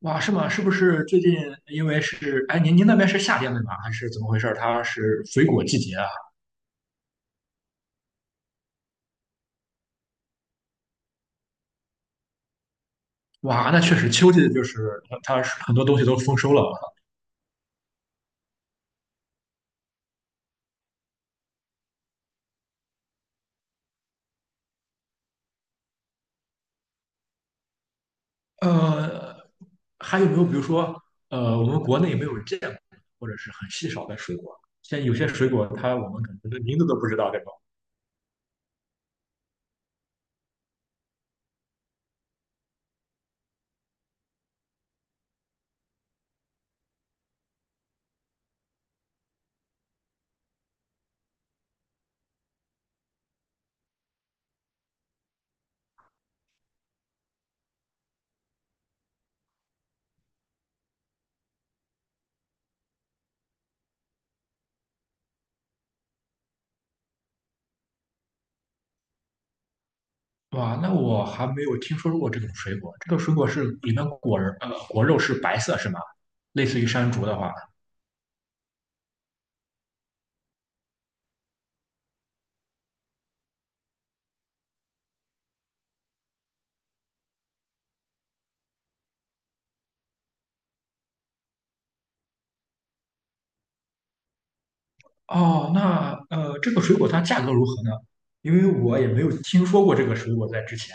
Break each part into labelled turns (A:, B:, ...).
A: 哇，是吗？是不是最近因为是，哎，您那边是夏天对吧？还是怎么回事？它是水果季节啊？哇，那确实秋季就是它是很多东西都丰收了啊。呃，还有没有比如说，我们国内没有见过或者是很稀少的水果？现在有些水果它我们可能连名字都不知道这种。哇，那我还没有听说过这种水果。这个水果是里面果肉是白色是吗？类似于山竹的话。哦，那这个水果它价格如何呢？因为我也没有听说过这个水果在之前。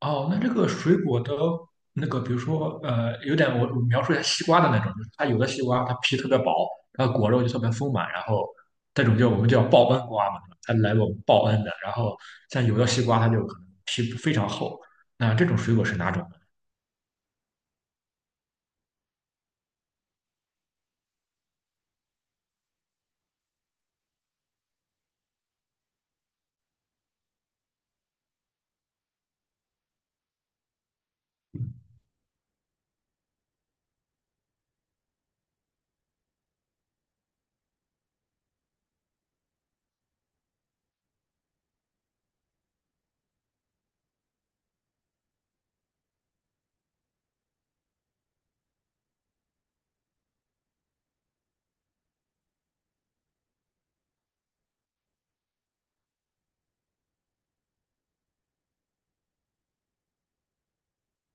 A: 哦，那这个水果的那个，比如说有点我描述一下西瓜的那种，就是它有的西瓜它皮特别薄，它果肉就特别丰满，然后这种叫我们叫报恩瓜嘛，它来我们报恩的。然后像有的西瓜它就可能皮非常厚，那这种水果是哪种？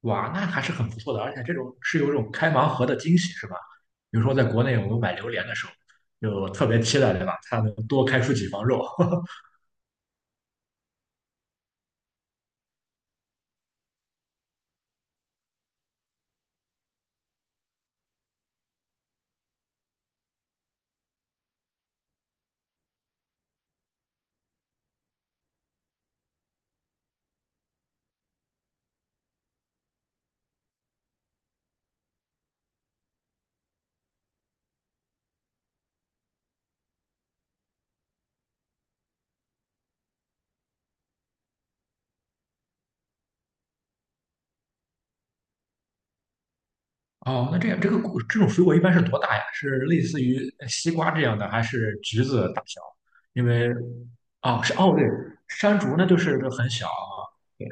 A: 哇，那还是很不错的，而且这种是有一种开盲盒的惊喜，是吧？比如说在国内我们买榴莲的时候，就特别期待，对吧？它能多开出几房肉。哦，那这样这个果这种水果一般是多大呀？是类似于西瓜这样的，还是橘子大小？因为哦是哦对，山竹那就很小啊，对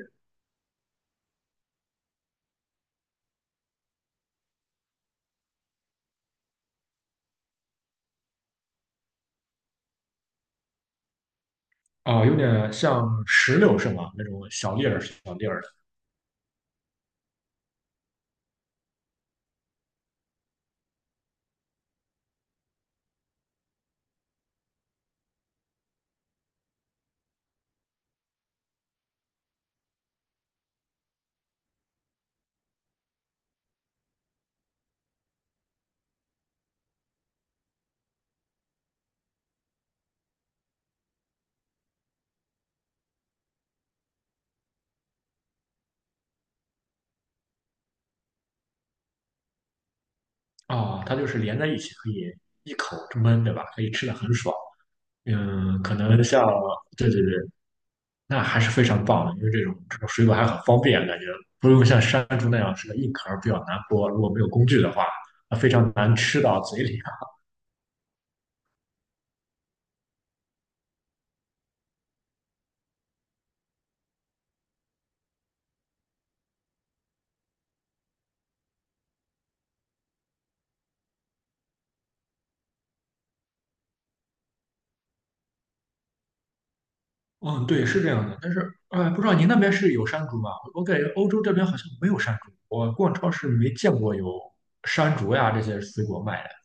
A: 哦有点像石榴是吗？那种小粒儿小粒儿的哦，它就是连在一起可以一口闷，对吧？可以吃的很爽。嗯，可能像，对对对，那还是非常棒的，因为这种水果还很方便，感觉不用像山竹那样是个硬壳儿比较难剥，如果没有工具的话，那非常难吃到嘴里啊。嗯，对，是这样的，但是哎，不知道您那边是有山竹吗？我感觉欧洲这边好像没有山竹，我逛超市没见过有山竹呀这些水果卖的。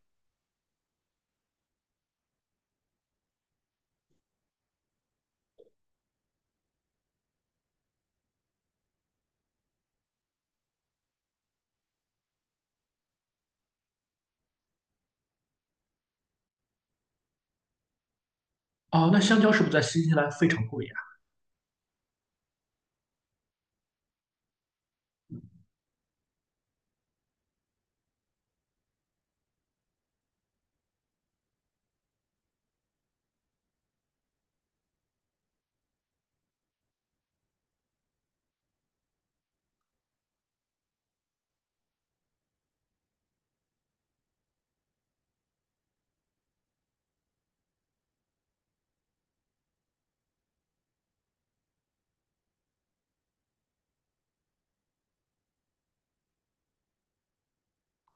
A: 哦，那香蕉是不是在新西兰非常贵？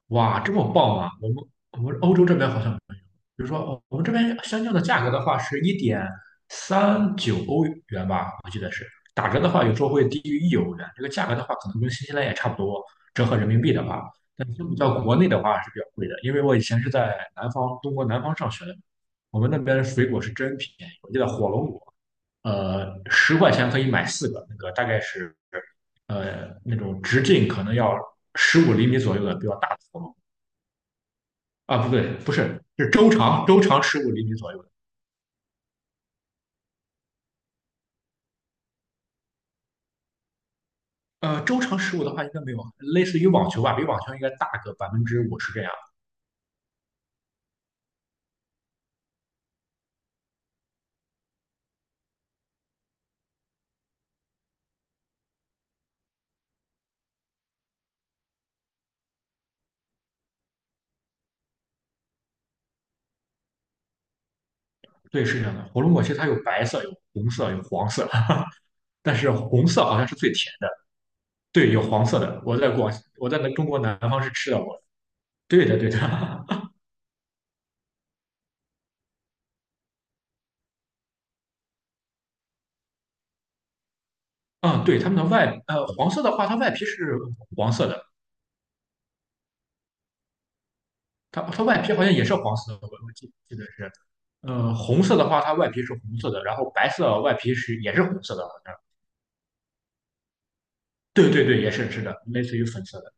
A: 哇，这么棒啊！我们欧洲这边好像没有，比如说哦我们这边香蕉的价格的话是1.39欧元吧，我记得是打折的话，有时候会低于1欧元。这个价格的话，可能跟新西兰也差不多，折合人民币的话，但相比较国内的话是比较贵的，因为我以前是在南方，中国南方上学的，我们那边的水果是真便宜，我记得火龙果，10块钱可以买四个，那个大概是那种直径可能要十五厘米左右的比较大的火龙。啊，不对，不是，是周长，周长十五厘米左右的。周长十五的话应该没有，类似于网球吧，比网球应该大个50%这样。对，是这样的。火龙果其实它有白色、有红色、有黄色，但是红色好像是最甜的。对，有黄色的。我在那中国南方是吃到过的。对的，对的。嗯，对，它们的外，呃，黄色的话，它外皮是黄色的，它外皮好像也是黄色的，我记得是。红色的话，它外皮是红色的，然后白色外皮是也是红色的，好像。对对对，也是的，类似于粉色的。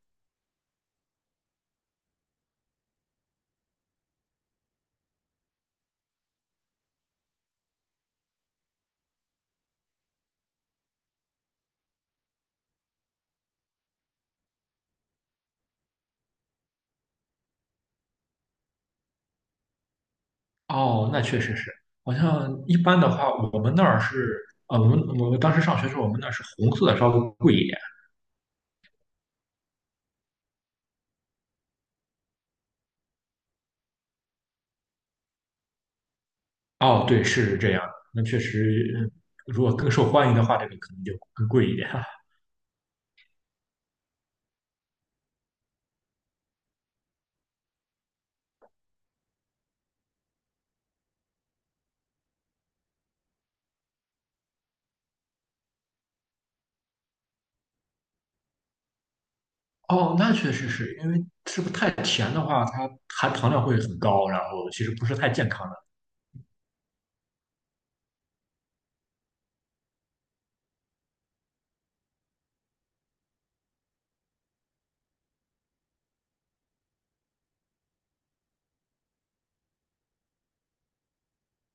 A: 哦，那确实是。好像一般的话，我们那儿是，我们当时上学的时候，我们那儿是红色的稍微贵一点。哦，对，是这样的。那确实，如果更受欢迎的话，这个可能就更贵一点。哦，那确实是因为是不是太甜的话，它含糖量会很高，然后其实不是太健康的。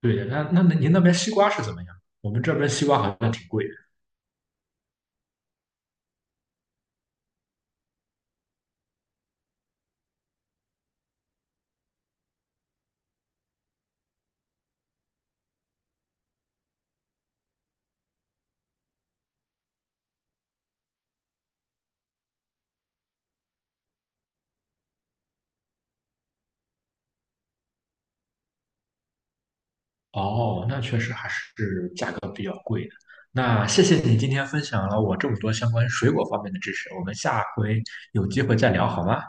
A: 对的，那您那边西瓜是怎么样？我们这边西瓜好像挺贵。哦，那确实还是价格比较贵的。那谢谢你今天分享了我这么多相关水果方面的知识，我们下回有机会再聊好吗？